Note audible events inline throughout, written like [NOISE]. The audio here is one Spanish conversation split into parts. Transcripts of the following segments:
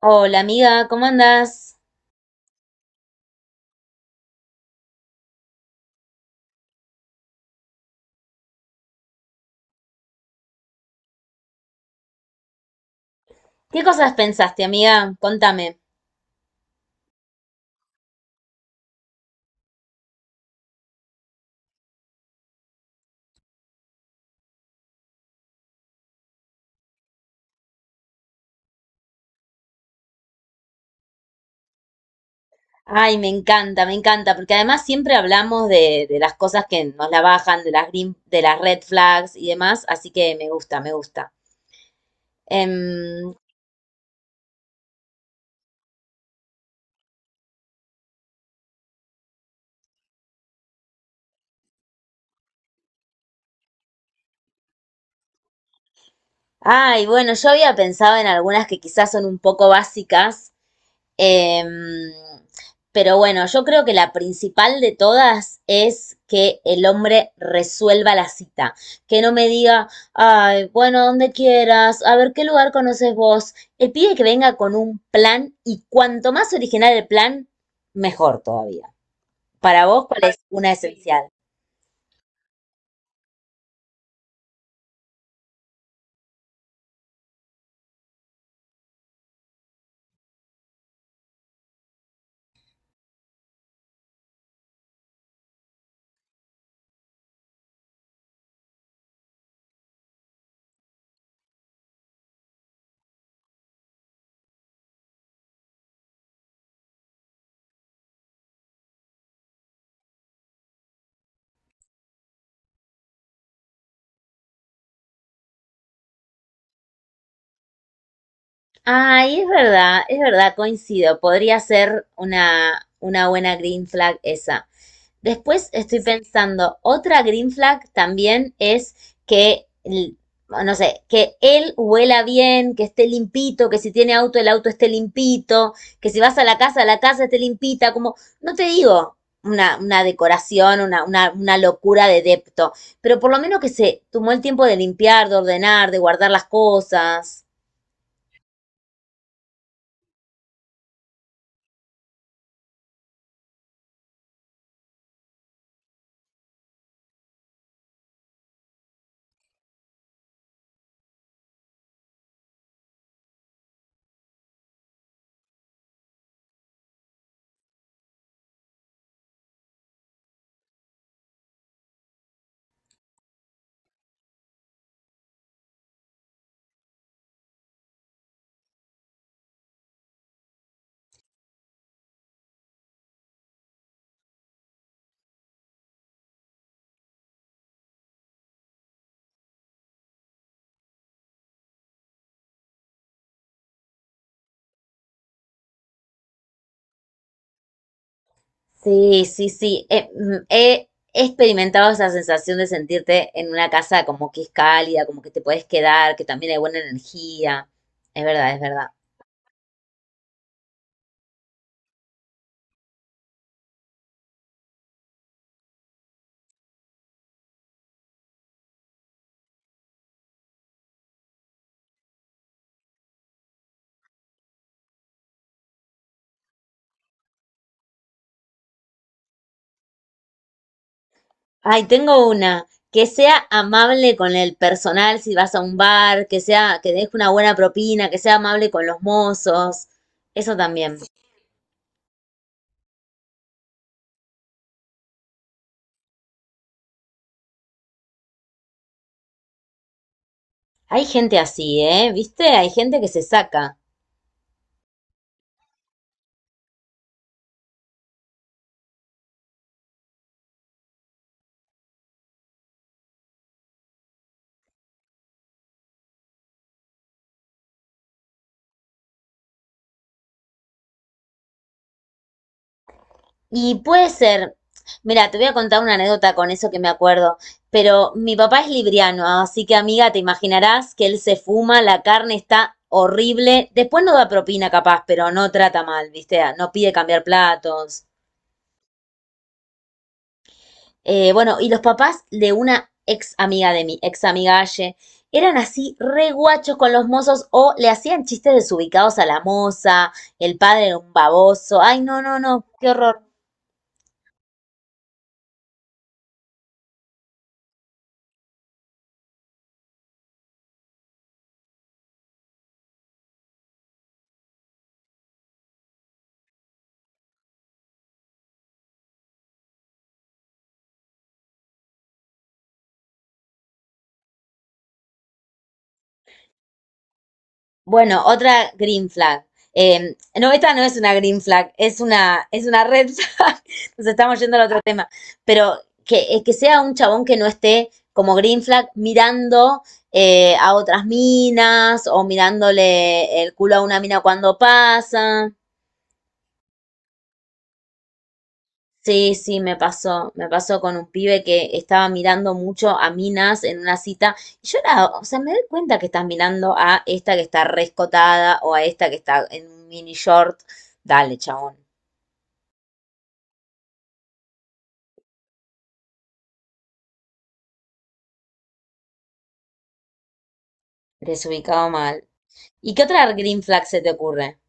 Hola amiga, ¿cómo andás? ¿Qué cosas pensaste, amiga? Contame. Ay, me encanta, porque además siempre hablamos de las cosas que nos la bajan, de las green, de las red flags y demás, así que me gusta, me gusta. Em, ay, bueno, yo había pensado en algunas que quizás son un poco básicas. Em, pero bueno, yo creo que la principal de todas es que el hombre resuelva la cita, que no me diga, ay, bueno, donde quieras, a ver qué lugar conoces vos. El pide que venga con un plan y cuanto más original el plan, mejor todavía. Para vos, ¿cuál es una esencial? Ay, es verdad, coincido. Podría ser una buena green flag esa. Después estoy pensando, otra green flag también es que, l- no sé, que él huela bien, que esté limpito, que si tiene auto, el auto esté limpito, que si vas a la casa esté limpita, como, no te digo una decoración, una locura de depto, pero por lo menos que se tomó el tiempo de limpiar, de ordenar, de guardar las cosas. Sí, sí, sí. He experimentado esa sensación de sentirte en una casa como que es cálida, como que te puedes quedar, que también hay buena energía. Es verdad, es verdad. Ay, tengo una. Que sea amable con el personal si vas a un bar, que sea, que deje una buena propina, que sea amable con los mozos. Eso también. Hay gente así, ¿eh? ¿Viste? Hay gente que se saca. Y puede ser, mira, te voy a contar una anécdota con eso que me acuerdo, pero mi papá es libriano, así que amiga, te imaginarás que él se fuma, la carne está horrible, después no da propina capaz, pero no trata mal, viste, no pide cambiar platos. Bueno, y los papás de una ex amiga de mi ex amiga Aye eran así re guachos con los mozos o le hacían chistes desubicados a la moza, el padre era un baboso, ay no, no, no, qué horror. Bueno, otra green flag. No, esta no es una green flag, es una red flag. [LAUGHS] Nos estamos yendo al otro tema. Pero que sea un chabón que no esté como green flag mirando a otras minas o mirándole el culo a una mina cuando pasa. Sí, sí, me pasó con un pibe que estaba mirando mucho a minas en una cita y yo era, o sea, me doy cuenta que estás mirando a esta que está rescotada o a esta que está en un mini short. Dale, chabón, desubicado mal. ¿Y qué otra green flag se te ocurre?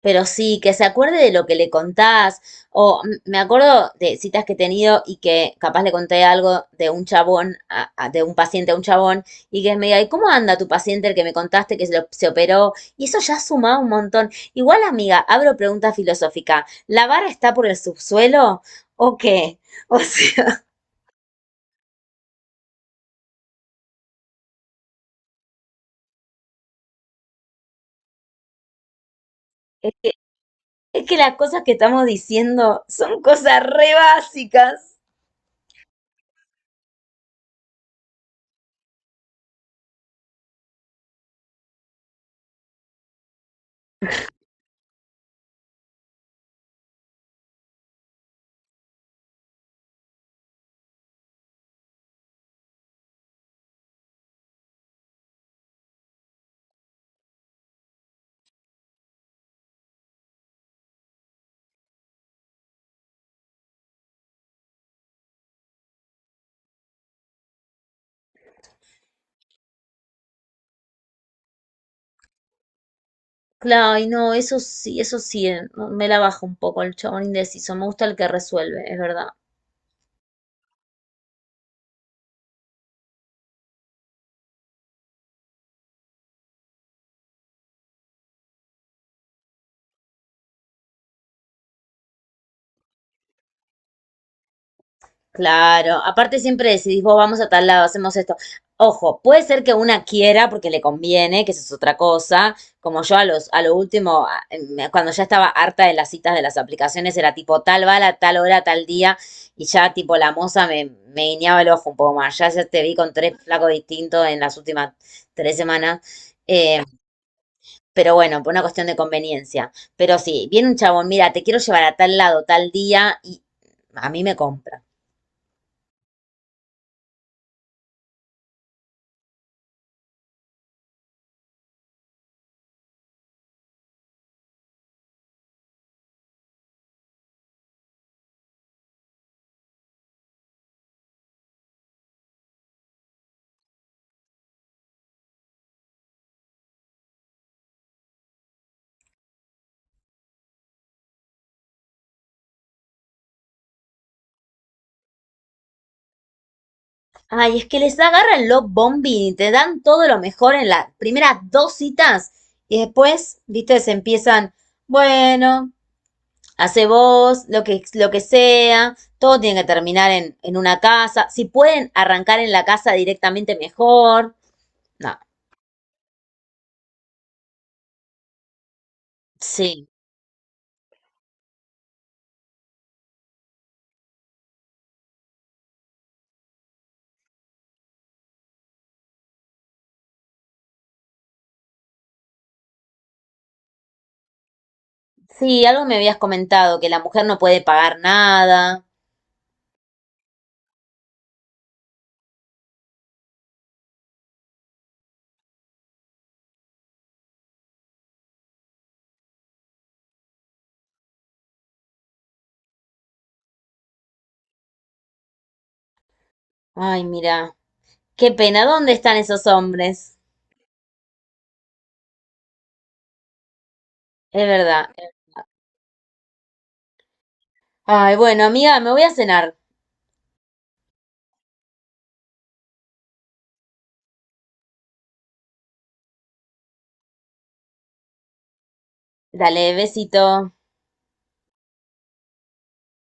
Pero sí, que se acuerde de lo que le contás. Me acuerdo de citas que he tenido y que capaz le conté algo de un chabón, de un paciente a un chabón, y que me diga, ¿y cómo anda tu paciente el que me contaste que se, se operó? Y eso ya suma un montón. Igual, amiga, abro pregunta filosófica. ¿La vara está por el subsuelo o qué? O sea, [LAUGHS] es que las cosas que estamos diciendo son cosas re básicas. Claro, y no, eso sí, no, me la bajo un poco el chabón indeciso. Me gusta el que resuelve, es verdad. Claro, aparte siempre decidís, vos vamos a tal lado, hacemos esto. Ojo, puede ser que una quiera porque le conviene, que eso es otra cosa. Como yo a los, a lo último, cuando ya estaba harta de las citas de las aplicaciones, era tipo tal bala, tal hora, tal día, y ya tipo la moza me, me guiñaba el ojo un poco más. Ya, ya te vi con 3 flacos distintos en las últimas 3 semanas. Pero bueno, por una cuestión de conveniencia. Pero sí, viene un chabón, mira, te quiero llevar a tal lado, tal día, y a mí me compra. Ay, es que les agarran los bombín y te dan todo lo mejor en las primeras 2 citas. Y después, viste, se empiezan, bueno, hace vos, lo que sea, todo tiene que terminar en una casa. Si pueden arrancar en la casa directamente mejor. No, sí. Sí, algo me habías comentado, que la mujer no puede pagar nada. Ay, mira. Qué pena, ¿dónde están esos hombres? Es verdad. Ay, bueno, amiga, me voy a cenar. Dale, besito.